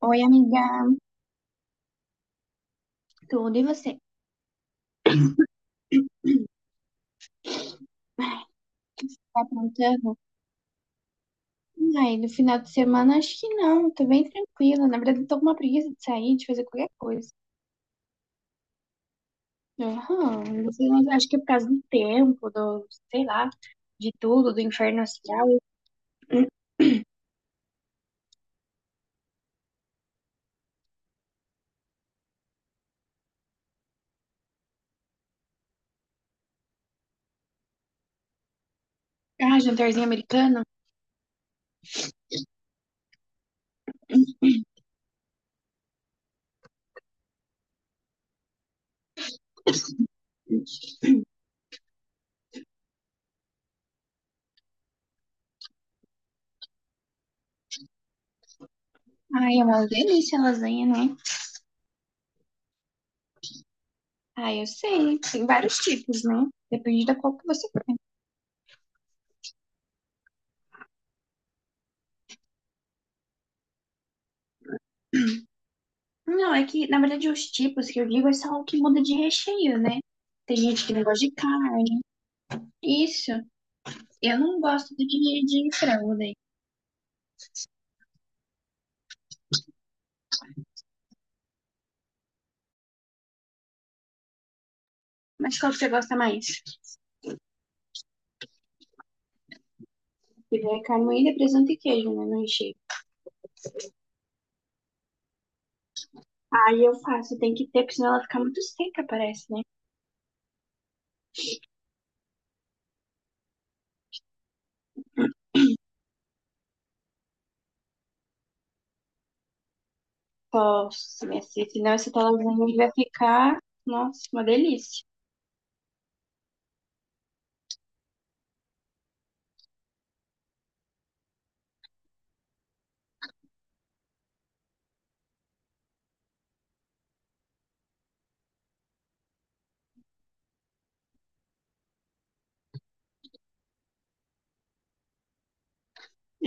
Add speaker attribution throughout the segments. Speaker 1: Oi, amiga, tudo e você? Tá aprontando? Ai, no final de semana acho que não, tô bem tranquila. Na verdade, tô com uma preguiça de sair, de fazer qualquer coisa. Aham, não sei, mas acho que é por causa do tempo, do, sei lá, de tudo, do inferno astral. Um, Ah, jantarzinho americano. Ai, é uma delícia a lasanha, né? Ah, eu sei, tem vários tipos, né? Depende da qual que você. Não, é que, na verdade, os tipos que eu digo é só o que muda de recheio, né? Tem gente que não gosta de carne. Isso. Eu não gosto de frango daí. Mas qual que você gosta mais? Porque é carne moída, presunto e queijo, né? No recheio. Aí eu faço, tem que ter, porque senão ela fica muito seca, parece, né? Posso, minha filha, senão essa tua lasanha vai ficar, nossa, uma delícia.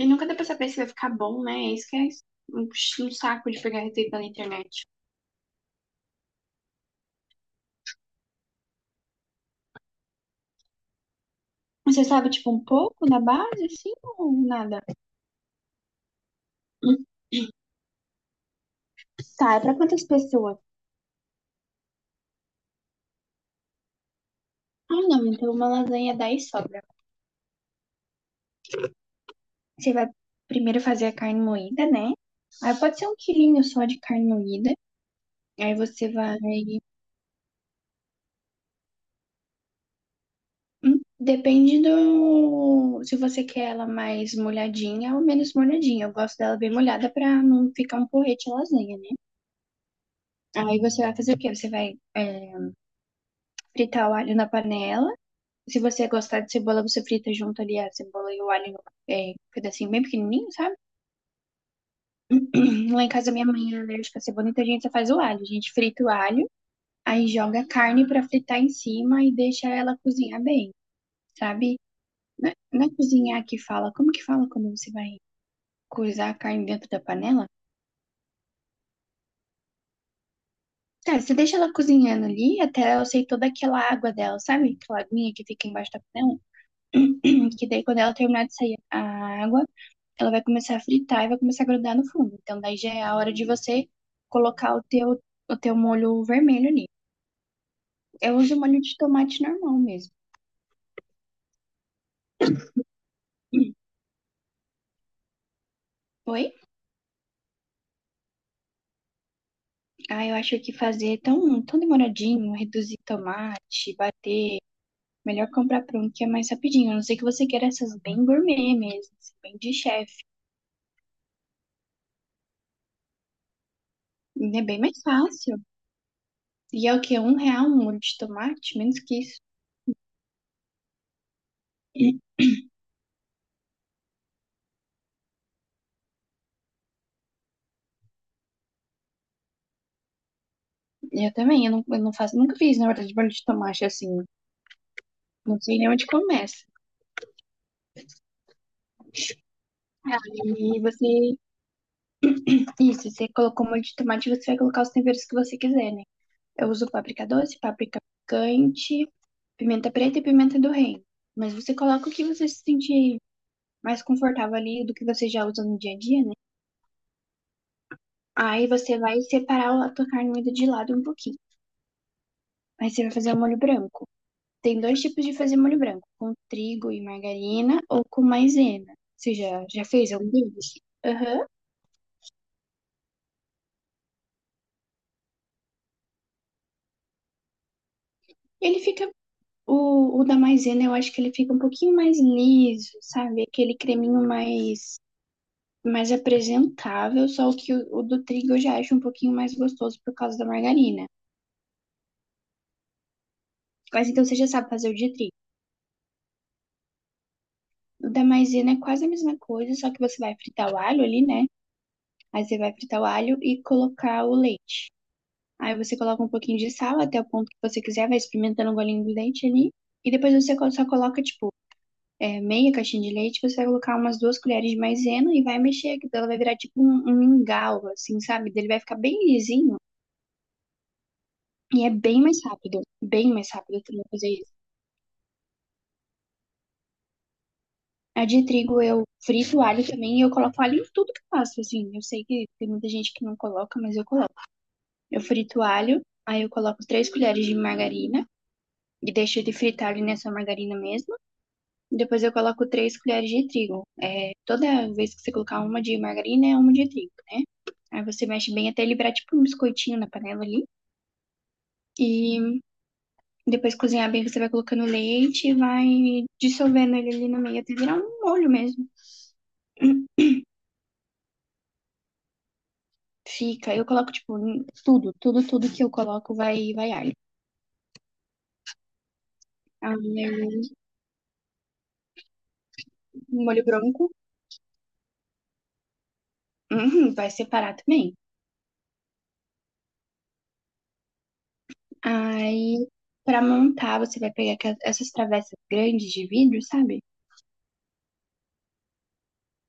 Speaker 1: E nunca dá pra saber se vai ficar bom, né? É isso que é isso. um, um saco de pegar receita na internet. Você sabe, tipo, um pouco na base, assim, ou nada? Tá, é pra quantas pessoas? Ah, não, então uma lasanha 10 sobra. Você vai primeiro fazer a carne moída, né? Aí pode ser um quilinho só de carne moída. Aí você vai. Depende do. Se você quer ela mais molhadinha ou menos molhadinha. Eu gosto dela bem molhada pra não ficar um porrete lasanha, né? Aí você vai fazer o quê? Você vai fritar o alho na panela. Se você gostar de cebola, você frita junto ali a cebola e o alho, um pedacinho bem pequenininho, sabe? Lá em casa minha mãe é alérgica à cebola, então a gente só faz o alho. A gente frita o alho. Aí joga a carne para fritar em cima e deixa ela cozinhar bem, sabe? Não é cozinhar que fala. Como que fala quando você vai coisar a carne dentro da panela? É, você deixa ela cozinhando ali até ela sair toda aquela água dela, sabe? Aquela aguinha que fica embaixo da panela. Que daí quando ela terminar de sair a água, ela vai começar a fritar e vai começar a grudar no fundo. Então daí já é a hora de você colocar o teu molho vermelho ali. Eu uso molho de tomate normal mesmo. Oi? Ah, eu acho que fazer tão, tão demoradinho, reduzir tomate, bater, melhor comprar pronto que é mais rapidinho. A não ser que você queira essas bem gourmet mesmo, assim, bem de chefe. É bem mais fácil. E é o quê? Um real um molho de tomate? Menos que isso. Eu também, eu não faço, nunca fiz, na verdade, molho de tomate assim. Não sei nem onde começa. E você, isso, você colocou molho de tomate, você vai colocar os temperos que você quiser, né? Eu uso páprica doce, páprica picante, pimenta preta e pimenta do reino. Mas você coloca o que você se sentir mais confortável ali do que você já usa no dia a dia, né? Aí você vai separar a tua carne moída de lado um pouquinho. Aí você vai fazer o molho branco. Tem dois tipos de fazer molho branco, com trigo e margarina ou com maisena. Você já fez algum deles? Aham. Ele fica o da maisena, eu acho que ele fica um pouquinho mais liso, sabe? Aquele creminho mais apresentável, só que o do trigo eu já acho um pouquinho mais gostoso por causa da margarina. Mas então você já sabe fazer o de trigo. O da maisena é quase a mesma coisa, só que você vai fritar o alho ali, né? Aí você vai fritar o alho e colocar o leite. Aí você coloca um pouquinho de sal até o ponto que você quiser, vai experimentando o golinho do leite ali. E depois você só coloca, tipo, meia caixinha de leite, você vai colocar umas duas colheres de maisena e vai mexer, que ela vai virar tipo um mingau, assim, sabe? Ele vai ficar bem lisinho. E é bem mais rápido também fazer isso. A de trigo eu frito o alho também e eu coloco alho em tudo que eu faço, assim. Eu sei que tem muita gente que não coloca, mas eu coloco. Eu frito o alho, aí eu coloco três colheres de margarina e deixo ele fritar ali nessa margarina mesmo. Depois eu coloco três colheres de trigo. É, toda vez que você colocar uma de margarina, é uma de trigo, né? Aí você mexe bem até ele virar tipo um biscoitinho na panela ali. E Depois de cozinhar bem, você vai colocando leite e vai dissolvendo ele ali no meio até virar um molho mesmo. Fica, eu coloco, tipo, tudo, tudo, tudo que eu coloco vai, alho. Aí, um molho branco, uhum, vai separar também. Aí, pra montar, você vai pegar essas travessas grandes de vidro, sabe?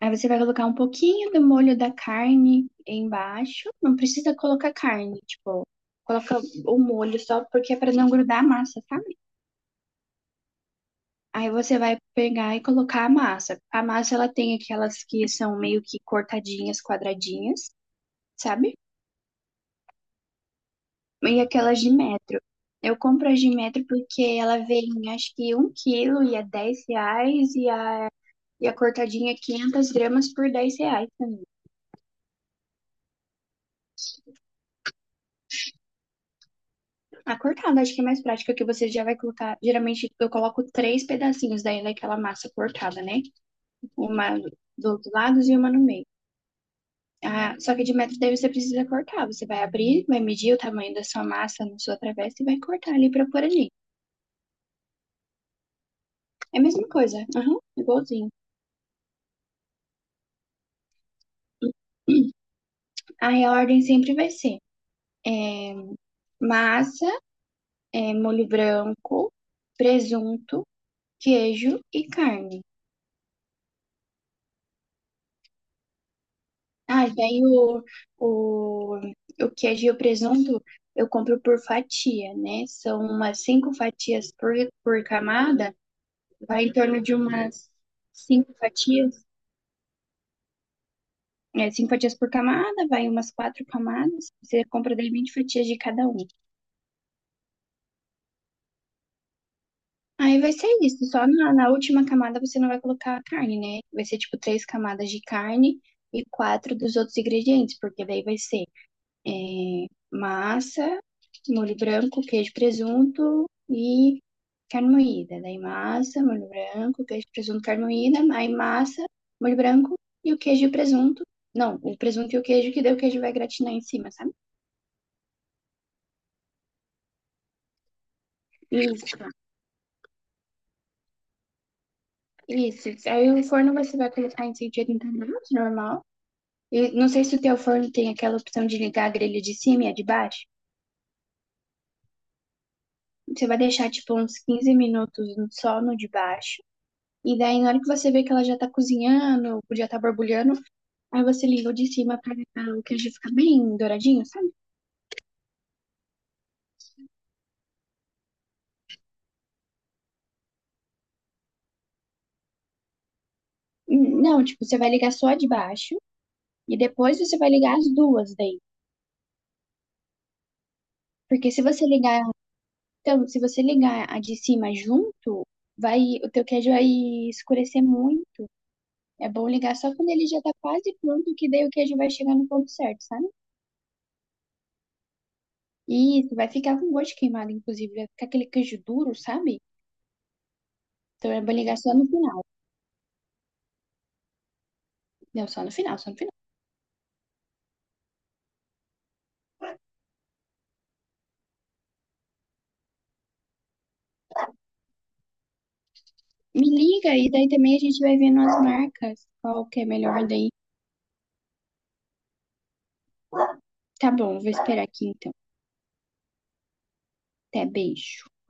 Speaker 1: Aí você vai colocar um pouquinho do molho da carne embaixo. Não precisa colocar carne, tipo, coloca o molho só porque é pra não grudar a massa, sabe? Aí você vai pegar e colocar a massa. A massa ela tem aquelas que são meio que cortadinhas, quadradinhas, sabe? E aquelas de metro. Eu compro as de metro porque ela vem, acho que 1 quilo e é R$ 10 e a cortadinha é 500 gramas por R$ 10 também. A cortada acho que é mais prática que você já vai colocar. Geralmente eu coloco três pedacinhos daí daquela massa cortada, né? Uma do outro lado e uma no meio. Ah, só que de metro daí você precisa cortar. Você vai abrir, vai medir o tamanho da sua massa na sua travessa e vai cortar ali pra pôr ali. É a mesma coisa, aham, igualzinho. Aí a ordem sempre vai ser é, massa, molho branco, presunto, queijo e carne. Ah, e daí o, o queijo e o presunto eu compro por fatia, né? São umas cinco fatias por camada, vai em torno de umas cinco fatias. É cinco fatias por camada, vai umas quatro camadas. Você compra daí 20 fatias de cada um. Aí vai ser isso. Só na última camada você não vai colocar a carne, né? Vai ser tipo três camadas de carne e quatro dos outros ingredientes, porque daí vai ser é, massa, molho branco, queijo, presunto e carne moída. Daí massa, molho branco, queijo, presunto, carne moída, aí massa, molho branco e o queijo e o presunto. Não, o presunto e o queijo, que daí o queijo vai gratinar em cima, sabe? E isso. Aí o forno você vai colocar em 180 graus, normal. E não sei se o teu forno tem aquela opção de ligar a grelha de cima e a de baixo. Você vai deixar, tipo, uns 15 minutos só no de baixo. E daí, na hora que você vê que ela já tá cozinhando, já tá borbulhando, aí você liga o de cima pra o queijo ficar bem douradinho, sabe? Não, tipo, você vai ligar só a de baixo e depois você vai ligar as duas daí. Porque se você ligar, então, se você ligar a de cima junto, vai, o teu queijo vai escurecer muito. É bom ligar só quando ele já tá quase pronto, que daí o queijo vai chegar no ponto certo, sabe? E isso, vai ficar com gosto de queimado, inclusive. Vai ficar aquele queijo duro, sabe? Então é bom ligar só no final. Não, só no final, só no final. Me liga e daí também a gente vai vendo as marcas, qual que é melhor daí. Tá bom, vou esperar aqui então. Até, beijo.